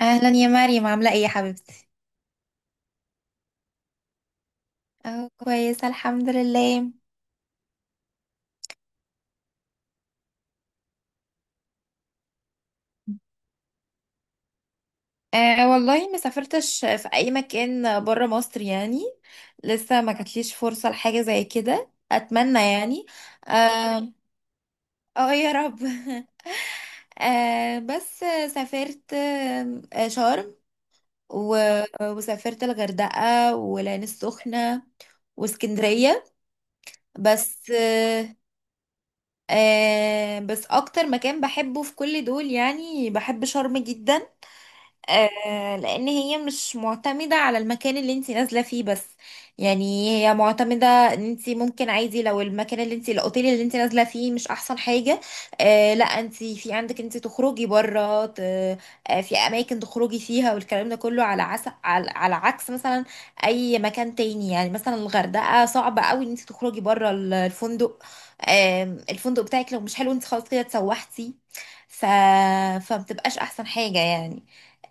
اهلا يا مريم، عامله ايه يا حبيبتي؟ اه، كويسة الحمد لله. أه والله ما سافرتش في اي مكان بره مصر يعني. لسه ما جاتليش فرصه لحاجه زي كده، اتمنى يعني. اه. آه يا رب أه بس، سافرت آم، آه، شرم، وسافرت الغردقه والعين السخنه واسكندرية. بس بس اكتر مكان بحبه في كل دول يعني بحب شرم جدا. لان هي مش معتمدة على المكان اللي انت نازلة فيه بس، يعني هي معتمدة ان انت ممكن عادي، لو المكان اللي انت الاوتيل اللي انت نازلة فيه مش احسن حاجة. آه، لا انت في عندك انت تخرجي بره، في اماكن تخرجي فيها، والكلام ده كله على على عكس مثلا اي مكان تاني. يعني مثلا الغردقة صعب قوي ان انت تخرجي بره الفندق. آه الفندق بتاعك لو مش حلو، انت خلاص كده اتسوحتي. ف... فمتبقاش احسن حاجة يعني.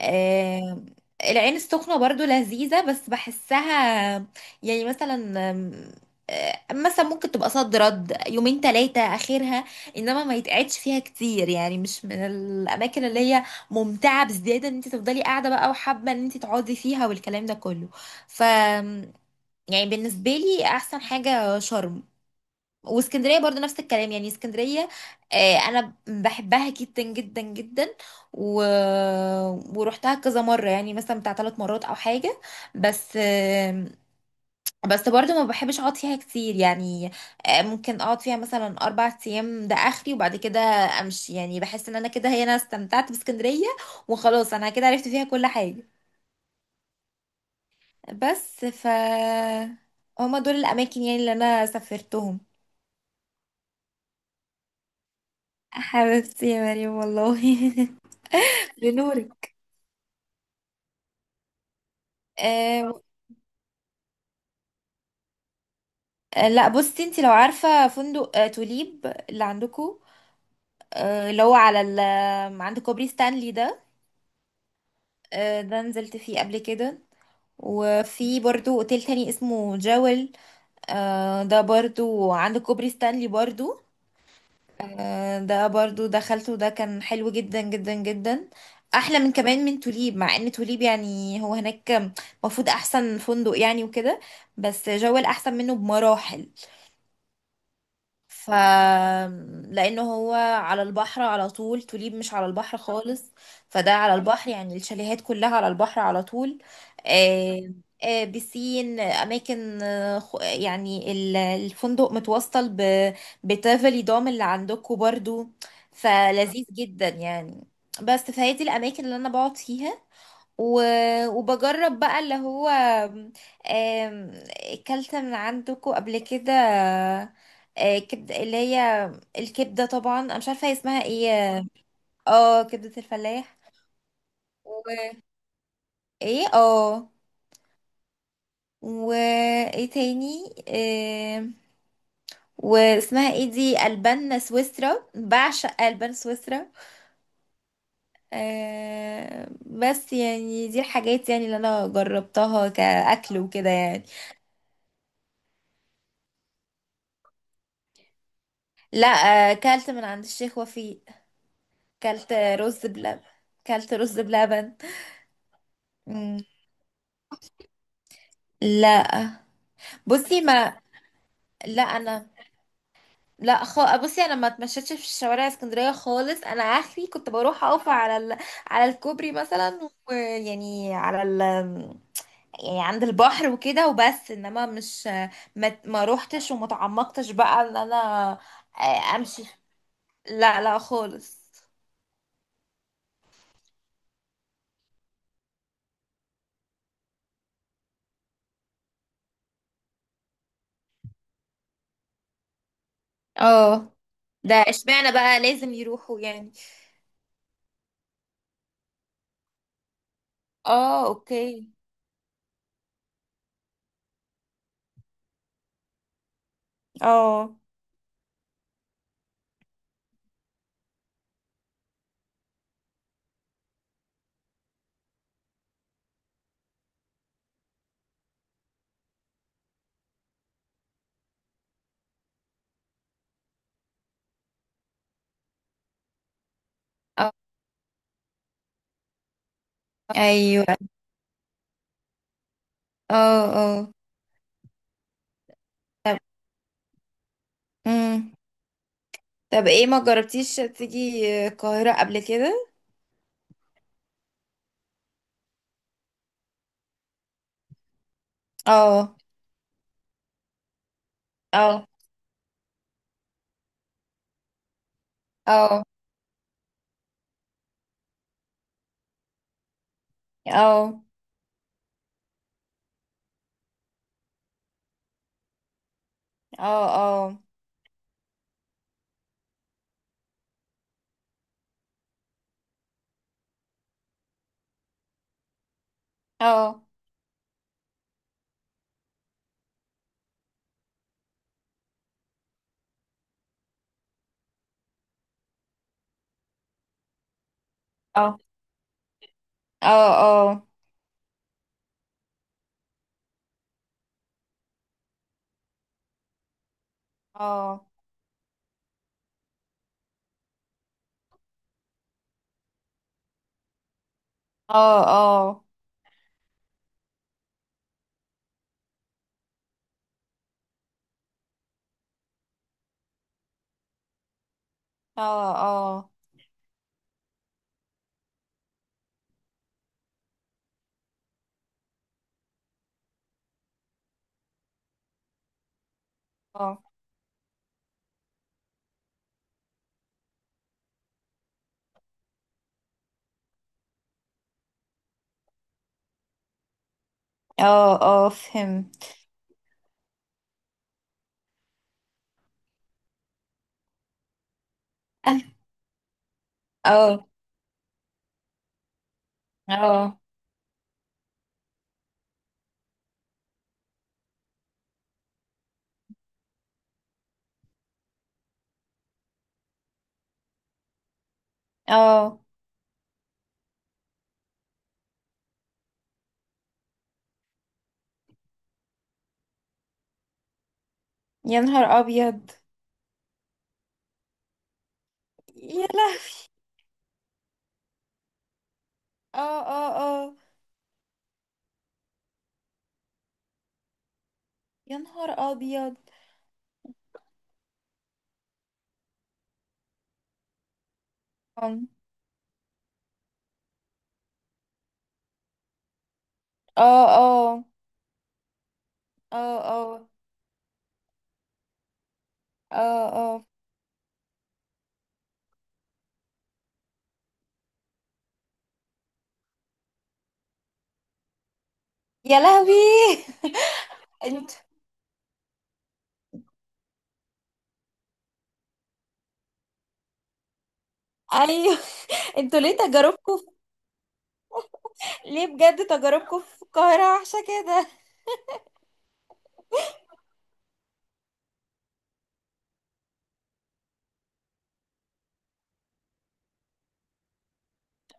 آه، العين السخنة برضو لذيذة، بس بحسها يعني. مثلا آم، آه، مثلا ممكن تبقى صد رد، يومين تلاتة آخرها، إنما ما يتقعدش فيها كتير. يعني مش من الأماكن اللي هي ممتعة بزيادة إن أنت تفضلي قاعدة بقى وحابة إن أنت تقعدي فيها والكلام ده كله. ف يعني بالنسبة لي أحسن حاجة شرم. واسكندريه برضو نفس الكلام، يعني اسكندريه انا بحبها جدا جدا جدا. و... ورحتها كذا مره، يعني مثلا بتاع 3 مرات او حاجه، بس بس برضو ما بحبش اقعد فيها كتير يعني. ممكن اقعد فيها مثلا 4 ايام ده اخري، وبعد كده امشي. يعني بحس ان انا كده، هي انا استمتعت باسكندريه، وخلاص انا كده عرفت فيها كل حاجه. بس ف هما دول الاماكن يعني اللي انا سافرتهم. حبيبتي يا مريم والله لنوري. آه. لا بصي، انت لو عارفة فندق آه توليب اللي عندكو، آه اللي هو على ال آه، عند كوبري ستانلي ده، ده نزلت فيه قبل كده. وفي برضو اوتيل تاني اسمه جاول، ده برضو عند كوبري ستانلي برضو. ده برضو دخلته، ده كان حلو جدا جدا جدا، احلى من كمان من توليب. مع ان توليب يعني هو هناك المفروض احسن فندق يعني وكده، بس جاول احسن منه بمراحل. ف لانه هو على البحر على طول، توليب مش على البحر خالص. فده على البحر، يعني الشاليهات كلها على البحر على طول. آه، بسين اماكن، يعني الفندق متوصل بتافلي دوم اللي عندكم برضو، فلذيذ جدا يعني. بس فهي دي الاماكن اللي انا بقعد فيها، و... وبجرب بقى اللي هو آم، اكلت من عندكم قبل كده كبد، اللي هي الكبده. طبعا انا مش عارفه هي اسمها ايه. اه، كبده الفلاح. و ايه اه، وايه تاني؟ آم، واسمها ايه دي، البان سويسرا، بعشق البان سويسرا. بس يعني دي الحاجات يعني اللي انا جربتها كاكل وكده يعني. لا، كلت من عند الشيخ وفيق، كلت رز بلبن، كلت رز بلبن. مم. لا. بصي ما. لا انا. لا، بصي انا ما اتمشيتش في الشوارع اسكندريه خالص. انا اخري كنت بروح اقف على على الكوبري مثلا، ويعني يعني عند البحر وكده، وبس انما مش ما روحتش وما تعمقتش بقى ان انا امشي. لا لا خالص. اه. ده اشمعنى بقى لازم يروحوا يعني؟ اه، اوكي. اه اه. ايوه. اه اه. طب. امم طب ايه، ما جربتيش تيجي القاهرة قبل كده؟ اه. اه اه اه اه اه اه اه اه اه اه اه اه اه اه اه اه، فهمت. اه اه اه. يا نهار ابيض. يا لهوي، اه اه اه. يا نهار ابيض. اه اه اه اه اه اه. يا لهوي انت. ايوه. انتوا ليه تجاربكم في، ليه بجد تجاربكم في القاهرة وحشة كده؟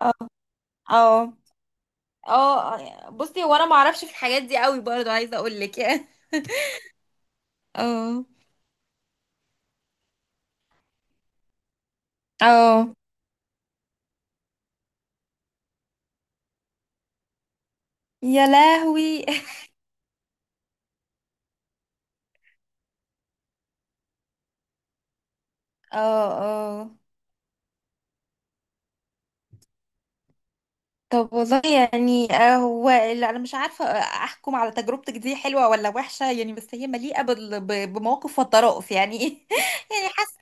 اه اه. اه، بصي هو انا ما اعرفش في الحاجات دي قوي برضو، عايزة اقول لك يعني. اه اه. يا لهوي اه اه. طب والله يعني، هو لا انا مش عارفه احكم على تجربتك دي حلوه ولا وحشه يعني، بس هي مليئه بمواقف وطرائف يعني يعني حاسه،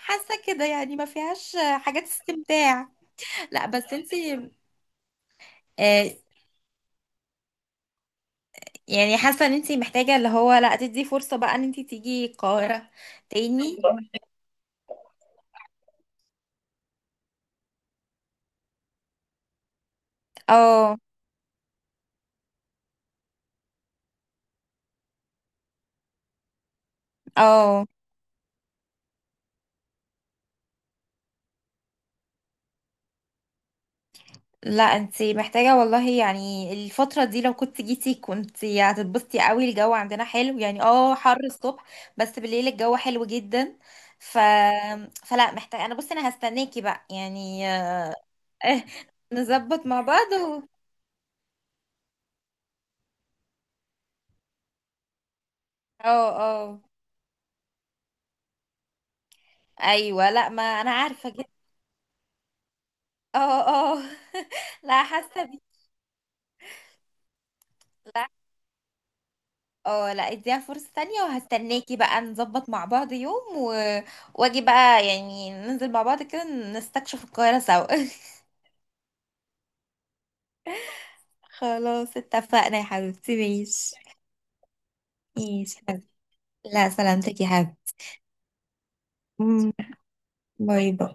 حاسه كده يعني ما فيهاش حاجات استمتاع. لا بس انت، يعني حاسه ان انت محتاجه اللي هو، لا تدي فرصه بقى ان انت تيجي القاهره تاني. اه اه. لا انتي محتاجة والله، يعني الفترة دي لو كنت جيتي كنتي هتتبسطي قوي. الجو عندنا حلو يعني، اه حر الصبح بس بالليل الجو حلو جدا. ف... فلا محتاجة. انا بصي انا هستناكي بقى يعني نظبط مع بعض اه اه. ايوه، لا ما انا عارفة جدا. اه اه لا، حاسة بيكي. لا. اه، لا اديها فرصة تانية، وهستناكي بقى نظبط مع بعض يوم واجي بقى، يعني ننزل مع بعض كده نستكشف القاهرة سوا خلاص اتفقنا يا حبيبتي، ماشي. ماشي يا حبيبتي. لا سلامتك يا حبيبتي. مم، باي باي.